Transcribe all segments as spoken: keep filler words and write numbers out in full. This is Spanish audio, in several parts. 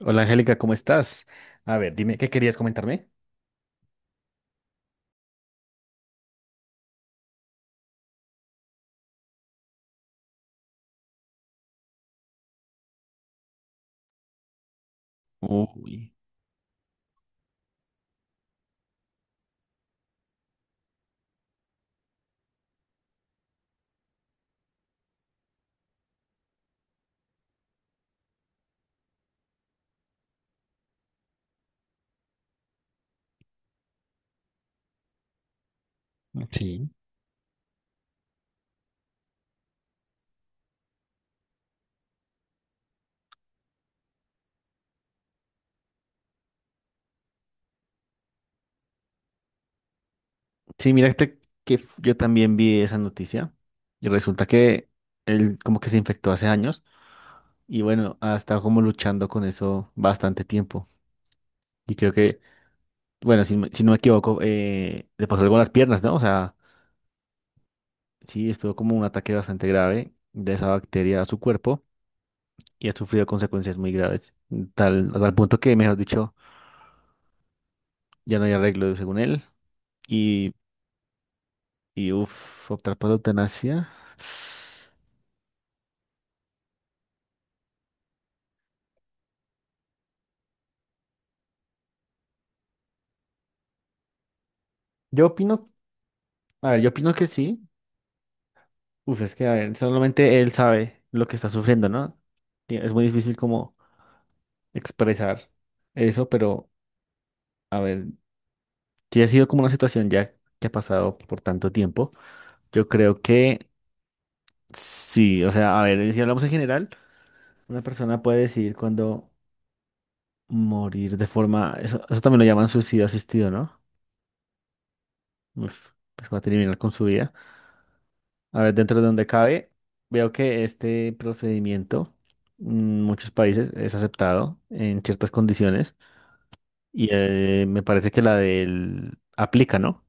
Hola, Angélica, ¿cómo estás? A ver, dime, ¿qué querías comentarme? Uy, sí. Sí, mira este que f- yo también vi esa noticia y resulta que él como que se infectó hace años y bueno, ha estado como luchando con eso bastante tiempo. Y creo que, bueno, si, me- si no me equivoco, eh, le pasó algo a las piernas, ¿no? O sea, sí, estuvo como un ataque bastante grave de esa bacteria a su cuerpo y ha sufrido consecuencias muy graves, tal, a tal punto que, mejor dicho, ya no hay arreglo según él. Y uff, optar por la eutanasia. Yo opino, a ver, yo opino que sí. Uf, es que, a ver, solamente él sabe lo que está sufriendo, ¿no? Y es muy difícil como expresar eso, pero, a ver, si ha sido como una situación ya que ha pasado por tanto tiempo, yo creo que sí. O sea, a ver, si hablamos en general, una persona puede decidir cuándo morir de forma, eso, eso también lo llaman suicidio asistido, ¿no? Uf, pues va a terminar con su vida. A ver, dentro de donde cabe, veo que este procedimiento en muchos países es aceptado en ciertas condiciones y eh, me parece que la del aplica, ¿no?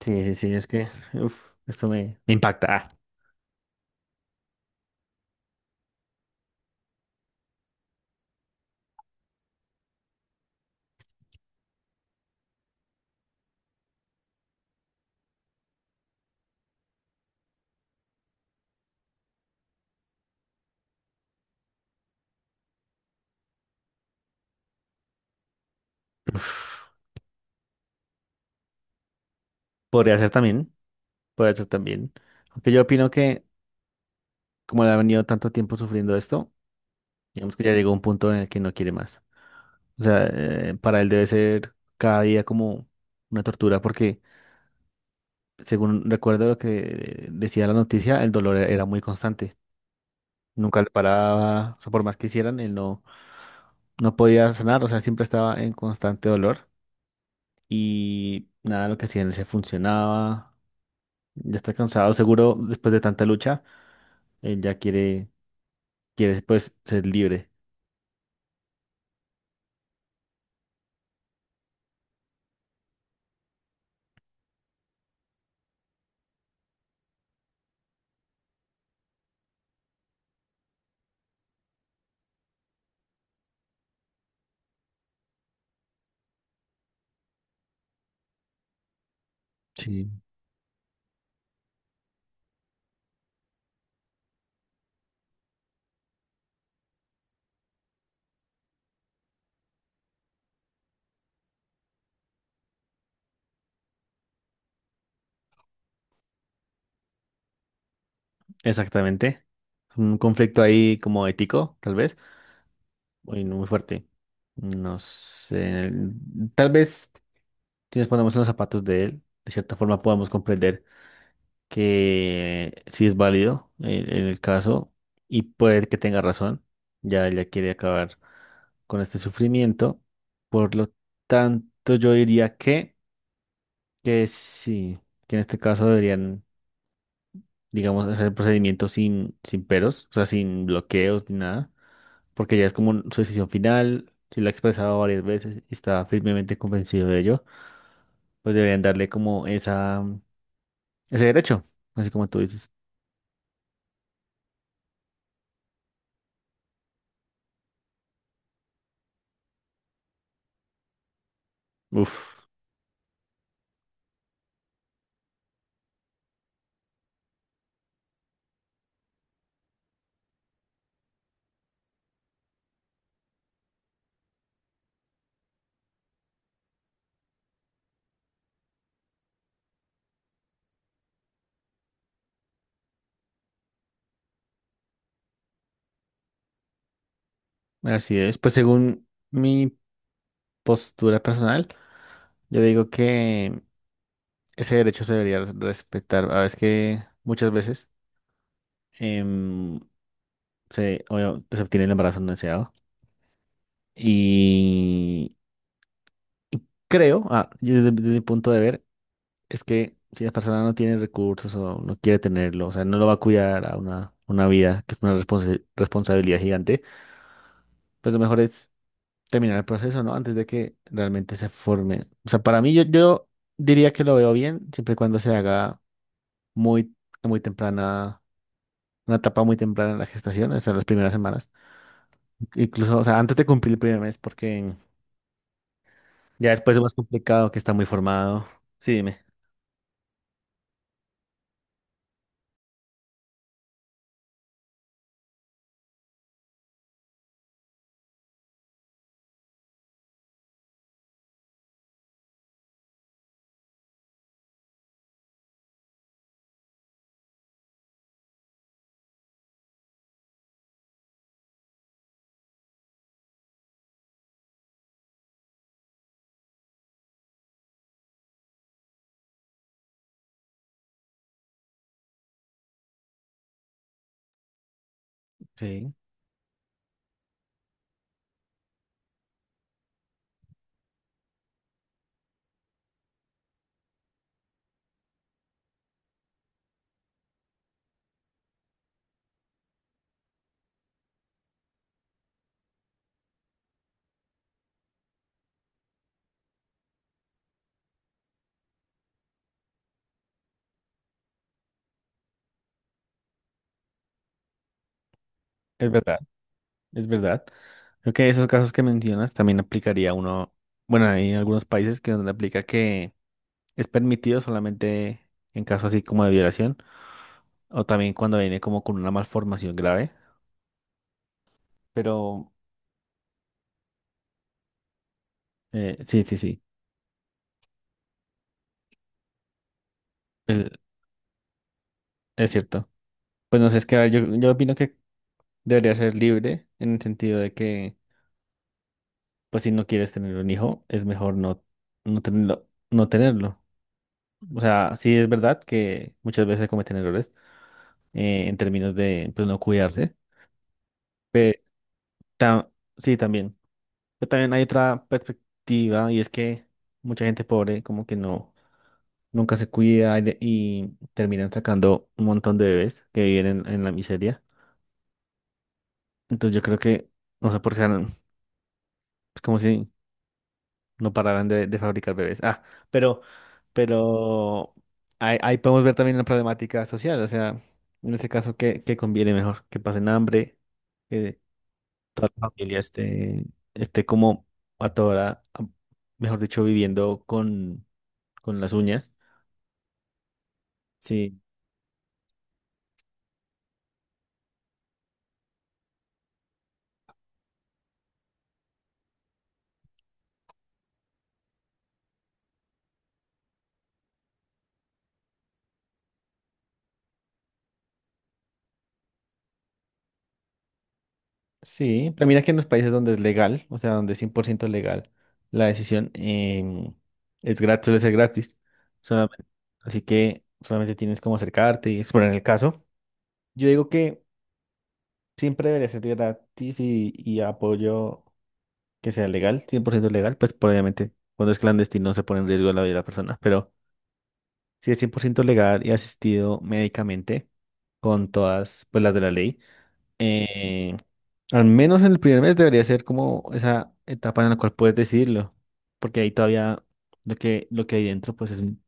Sí, sí, sí, es que uf, esto me, me impacta. Ah, uf. Podría ser también, podría ser también. Aunque yo opino que como le ha venido tanto tiempo sufriendo esto, digamos que ya llegó a un punto en el que no quiere más. O sea, eh, para él debe ser cada día como una tortura porque según recuerdo lo que decía la noticia, el dolor era muy constante. Nunca le paraba, o sea, por más que hicieran, él no, no podía sanar, o sea, siempre estaba en constante dolor y nada, lo que hacían se funcionaba. Ya está cansado, seguro después de tanta lucha, él ya quiere, quiere pues ser libre. Sí. Exactamente. Un conflicto ahí como ético, tal vez, muy, muy fuerte. No sé, tal vez si nos ponemos en los zapatos de él, de cierta forma podamos comprender que sí es válido el, el caso y puede que tenga razón. Ya ella quiere acabar con este sufrimiento. Por lo tanto, yo diría que, que sí, que en este caso deberían, digamos, hacer el procedimiento sin, sin peros, o sea, sin bloqueos ni nada, porque ya es como un- su decisión final. Si la ha expresado varias veces y está firmemente convencido de ello, pues deberían darle como esa, ese derecho, así como tú dices. Uf. Así es. Pues según mi postura personal, yo digo que ese derecho se debería res- respetar. A veces que muchas veces em, se, obvio, pues, se obtiene el embarazo no deseado. Y creo, ah, yo desde, desde mi punto de ver, es que si la persona no tiene recursos o no quiere tenerlo, o sea, no lo va a cuidar a una, una vida que es una responsa- responsabilidad gigante, pues lo mejor es terminar el proceso, ¿no? Antes de que realmente se forme. O sea, para mí yo, yo diría que lo veo bien, siempre y cuando se haga muy, muy temprana, una etapa muy temprana en la gestación, o sea, las primeras semanas. Incluso, o sea, antes de cumplir el primer mes, porque ya después es más complicado, que está muy formado. Sí, dime. Sí, es verdad, es verdad. Creo que esos casos que mencionas también aplicaría uno, bueno, hay en algunos países que donde aplica que es permitido solamente en caso así como de violación. O también cuando viene como con una malformación grave. Pero eh, sí, sí, sí. el- es cierto. Pues no sé, es que a ver, yo, yo opino que debería ser libre en el sentido de que, pues si no quieres tener un hijo, es mejor no, no tenerlo, no tenerlo. O sea, sí es verdad que muchas veces cometen errores eh, en términos de pues no cuidarse. Pero sí, también. Pero también hay otra perspectiva y es que mucha gente pobre como que no. Nunca se cuida y, de- y terminan sacando un montón de bebés que viven en, en la miseria. Entonces yo creo que, no sé por qué, no- es como si no pararan de, de fabricar bebés. Ah, pero, pero ahí, ahí podemos ver también la problemática social, o sea, en ese caso, ¿qué, ¿qué conviene mejor? Que pasen hambre, que toda la familia esté, esté como a toda hora mejor dicho, viviendo con, con las uñas. Sí, sí, pero mira que en los países donde es legal, o sea, donde es cien por ciento legal, la decisión em, es gratis, suele ser gratis. Solamente- Así que solamente tienes como acercarte y explorar el caso. Yo digo que siempre debería ser gratis y, y apoyo que sea legal, cien por ciento legal, pues por obviamente cuando es clandestino se pone en riesgo la vida de la persona, pero si es cien por ciento legal y asistido médicamente con todas pues las de la ley. eh, Al menos en el primer mes debería ser como esa etapa en la cual puedes decidirlo, porque ahí todavía lo que, lo que hay dentro pues es un-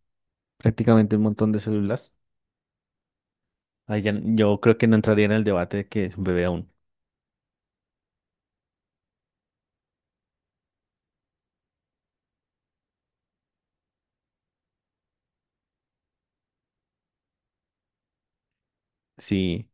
prácticamente un montón de células. Ahí ya, n- yo creo que no entraría en el debate de que es un bebé aún. Sí,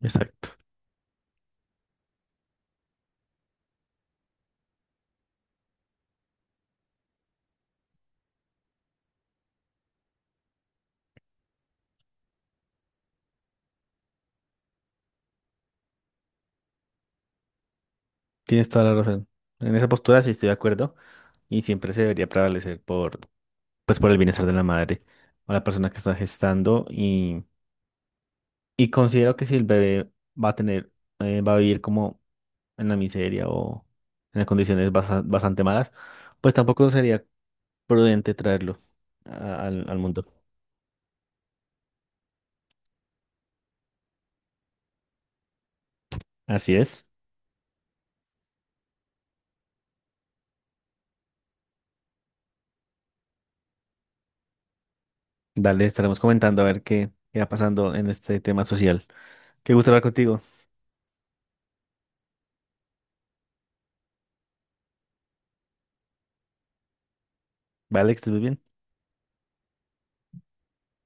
exacto. Tienes toda la razón. En esa postura sí estoy de acuerdo y siempre se debería prevalecer por, pues, por el bienestar de la madre o la persona que está gestando y, y considero que si el bebé va a tener, eh, va a vivir como en la miseria o en las condiciones basa- bastante malas, pues tampoco sería prudente traerlo a- al, al mundo. Así es. Dale, estaremos comentando a ver qué, qué va pasando en este tema social. Qué gusto hablar contigo. Vale, que estés muy bien.